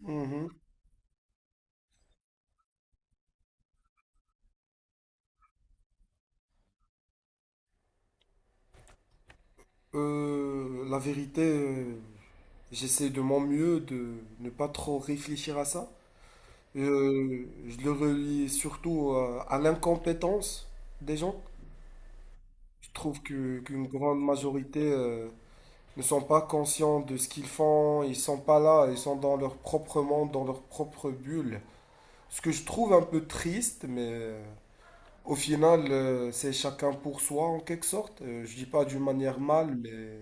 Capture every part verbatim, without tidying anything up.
Mhm. Euh, la vérité, euh, j'essaie de mon mieux de ne pas trop réfléchir à ça. Euh, je le relie surtout à, à l'incompétence des gens. Je trouve que qu'une grande majorité euh, ne sont pas conscients de ce qu'ils font. Ils sont pas là, ils sont dans leur propre monde, dans leur propre bulle. Ce que je trouve un peu triste, mais euh, au final, euh, c'est chacun pour soi en quelque sorte. Euh, je dis pas d'une manière mal, mais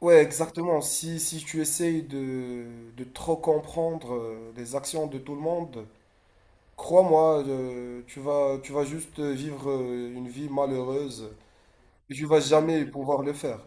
ouais, exactement. Si, si tu essayes de, de trop comprendre euh, les actions de tout le monde, crois-moi, euh, tu vas, tu vas juste vivre euh, une vie malheureuse et tu vas jamais pouvoir le faire.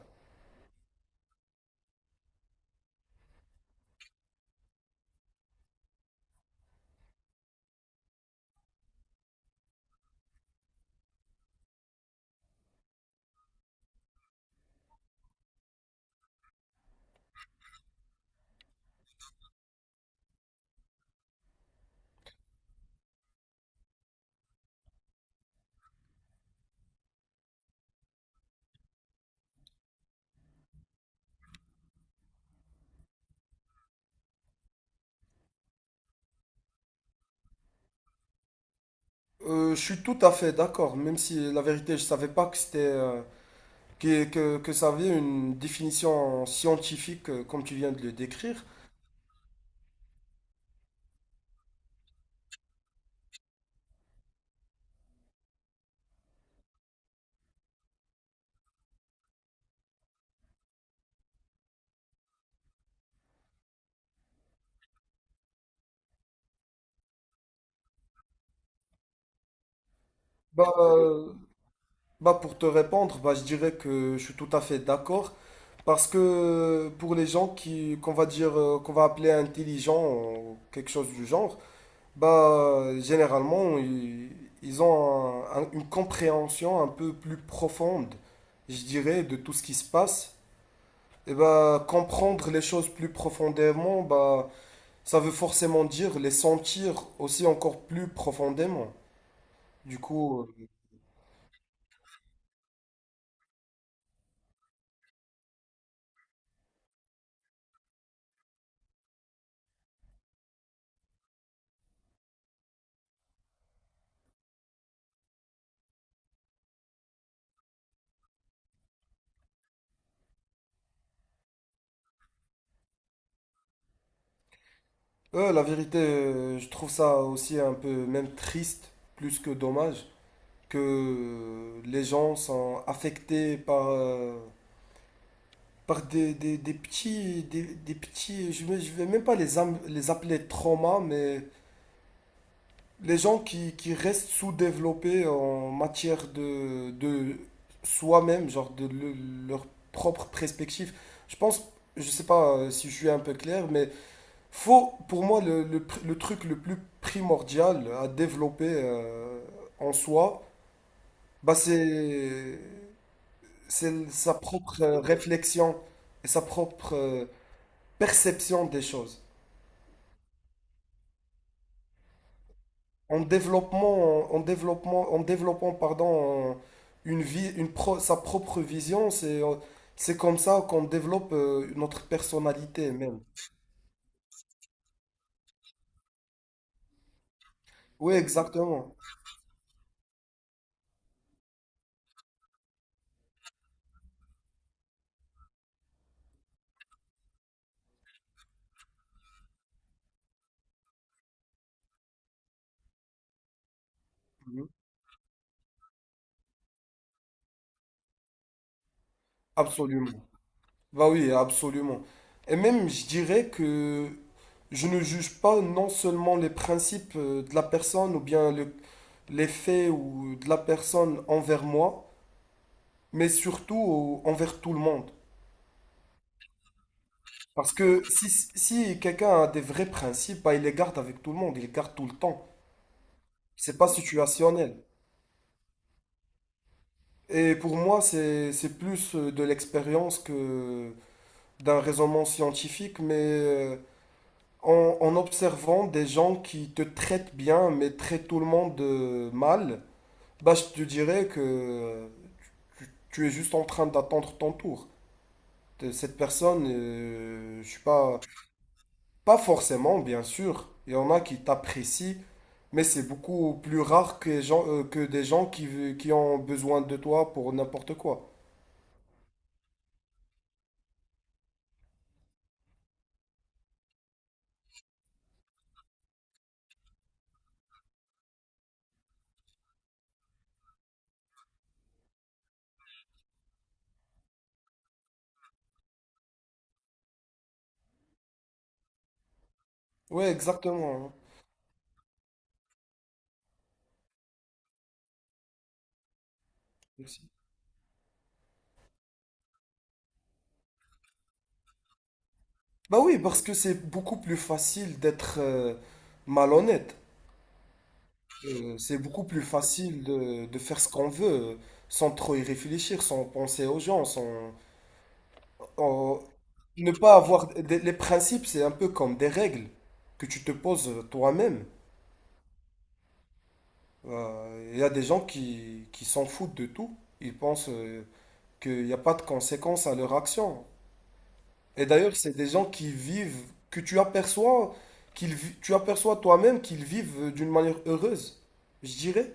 Euh, je suis tout à fait d'accord, même si la vérité, je savais pas que c'était, euh, que, que, que ça avait une définition scientifique euh, comme tu viens de le décrire. Bah, euh, bah pour te répondre, bah, je dirais que je suis tout à fait d'accord. Parce que pour les gens qui qu'on va dire euh, qu'on va appeler intelligents ou quelque chose du genre, bah généralement ils, ils ont un- un- une compréhension un peu plus profonde, je dirais, de tout ce qui se passe. Et bah comprendre les choses plus profondément, bah ça veut forcément dire les sentir aussi encore plus profondément. Du coup, euh, euh, la vérité, euh, je trouve ça aussi un peu même triste, plus que dommage, que les gens sont affectés par, euh, par des, des- des petits, des, des petits, je ne vais je vais même pas les, am- les appeler traumas, mais les gens qui, qui restent sous-développés en matière de, de soi-même, genre de le- leur propre perspective. Je pense, je sais pas euh, si je suis un peu clair, mais faut, pour moi, le, le pr- le truc le plus primordial à développer euh, en soi, bah c'est c'est sa propre euh, réflexion et sa propre euh, perception des choses. En développement, en, en développement, en développant, pardon, une vie, une pro- sa propre vision, c'est, euh, c'est comme ça qu'on développe euh, notre personnalité même. Oui, exactement. Mhm. Absolument. Bah oui, absolument. Et même, je dirais que je ne juge pas non seulement les principes euh, de la personne ou bien le, les faits ou de la personne envers moi, mais surtout au- envers tout le monde. Parce que si, si quelqu'un a des vrais principes, bah, il les garde avec tout le monde, il les garde tout le temps. C'est pas situationnel. Et pour moi, c'est, c'est plus euh, de l'expérience que d'un raisonnement scientifique, mais euh, en, en observant des gens qui te traitent bien, mais traitent tout le monde euh, mal, bah, je te dirais que euh, tu, tu es juste en train d'attendre ton tour. Cette personne, euh, je sais pas. Pas forcément, bien sûr. Il y en a qui t'apprécient, mais c'est beaucoup plus rare que, les gens, euh, que des gens qui, ve- qui ont besoin de toi pour n'importe quoi. Ouais, exactement. Hein. Merci. Bah oui, parce que c'est beaucoup plus facile d'être euh, malhonnête. Euh, c'est beaucoup plus facile de, de faire ce qu'on veut euh, sans trop y réfléchir, sans penser aux gens, sans en- ne pas avoir des- les principes, c'est un peu comme des règles que tu te poses toi-même. Euh, Il y a des gens qui, qui s'en foutent de tout. Ils pensent euh, qu'il n'y a pas de conséquences à leur action. Et d'ailleurs, c'est des gens qui vivent, que tu aperçois, qu'ils, vi- tu aperçois toi-même qu'ils vivent euh, d'une manière heureuse, je dirais.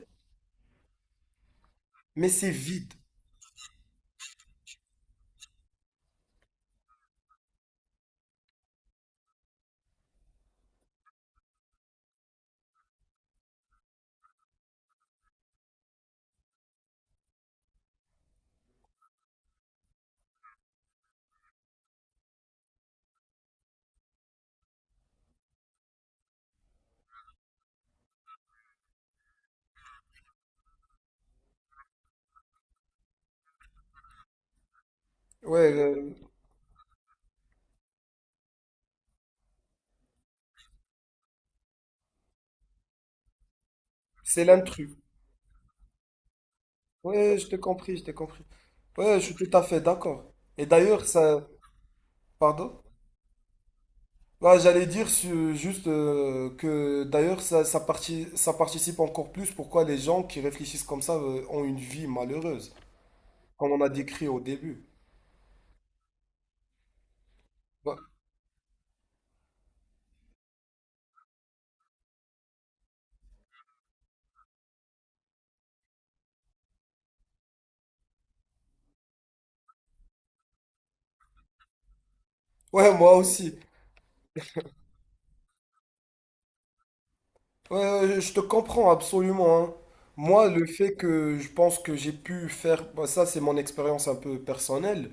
Mais c'est vide. Ouais, euh, c'est l'intrus. Ouais, je t'ai compris, je t'ai compris. Ouais, je suis tout à fait d'accord. Et d'ailleurs, ça. Pardon? Là, j'allais dire su- juste euh, que d'ailleurs ça, ça, parti- ça participe encore plus pourquoi les gens qui réfléchissent comme ça euh, ont une vie malheureuse, comme on a décrit au début. Bah. Ouais, moi aussi. Ouais, ouais, je te comprends absolument, hein. Moi, le fait que je pense que j'ai pu faire, bah, ça c'est mon expérience un peu personnelle,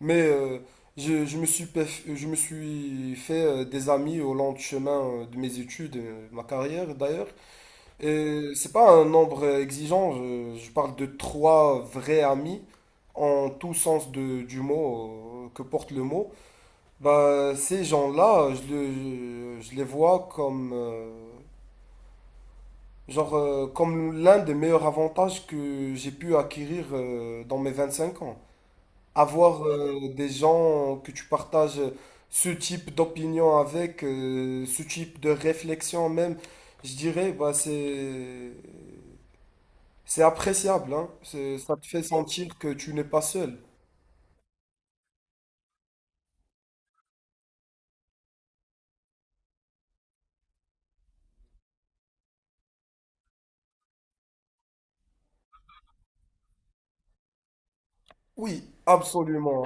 mais euh, je, je me suis, pef- je me suis fait euh, des amis au long du chemin euh, de mes études, euh, ma carrière d'ailleurs. Euh, c'est pas un nombre exigeant, je, je parle de trois vrais amis, en tout sens de- du mot, euh, que porte le mot. Bah, ces gens-là, je, le- je les vois comme, euh, genre, euh, comme l'un des meilleurs avantages que j'ai pu acquérir euh, dans mes vingt-cinq ans. Avoir euh, des gens que tu partages ce type d'opinion avec, euh, ce type de réflexion même, je dirais, bah, c'est C'est appréciable, hein. C'est- Ça te fait sentir que tu n'es pas seul. Oui, absolument.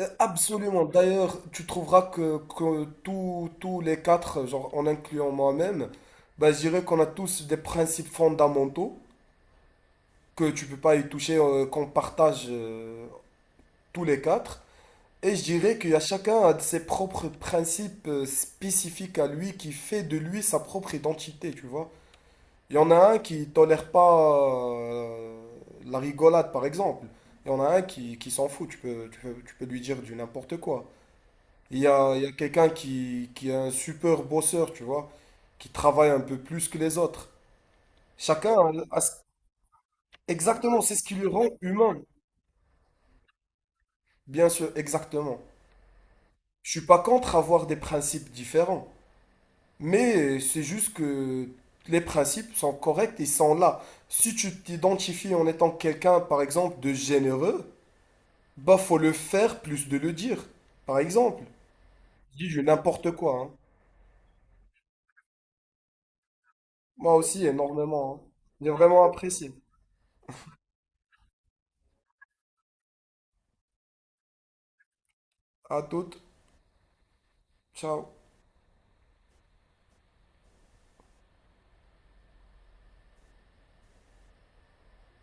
Euh, Absolument. D'ailleurs, tu trouveras que, que tous, tous les quatre, genre en incluant moi-même, bah, je dirais qu'on a tous des principes fondamentaux que tu peux pas y toucher, euh, qu'on partage euh, tous les quatre. Et je dirais qu'il y a chacun a de ses propres principes euh, spécifiques à lui qui fait de lui sa propre identité, tu vois. Il y en a un qui tolère pas euh, la rigolade, par exemple. Il y en a un qui, qui s'en fout, tu peux, tu peux, tu peux lui dire du n'importe quoi. Il y a, il y a quelqu'un qui, qui est un super bosseur, tu vois, qui travaille un peu plus que les autres. Chacun a, a ce- Exactement, c'est ce qui lui rend humain. Bien sûr, exactement. Je suis pas contre avoir des principes différents, mais c'est juste que les principes sont corrects, ils sont là. Si tu t'identifies en étant quelqu'un, par exemple, de généreux, bah, faut le faire plus de le dire. Par exemple, je dis je n'importe quoi. Hein. Moi aussi, énormément. Hein. J'ai vraiment apprécié. À toutes. Ciao.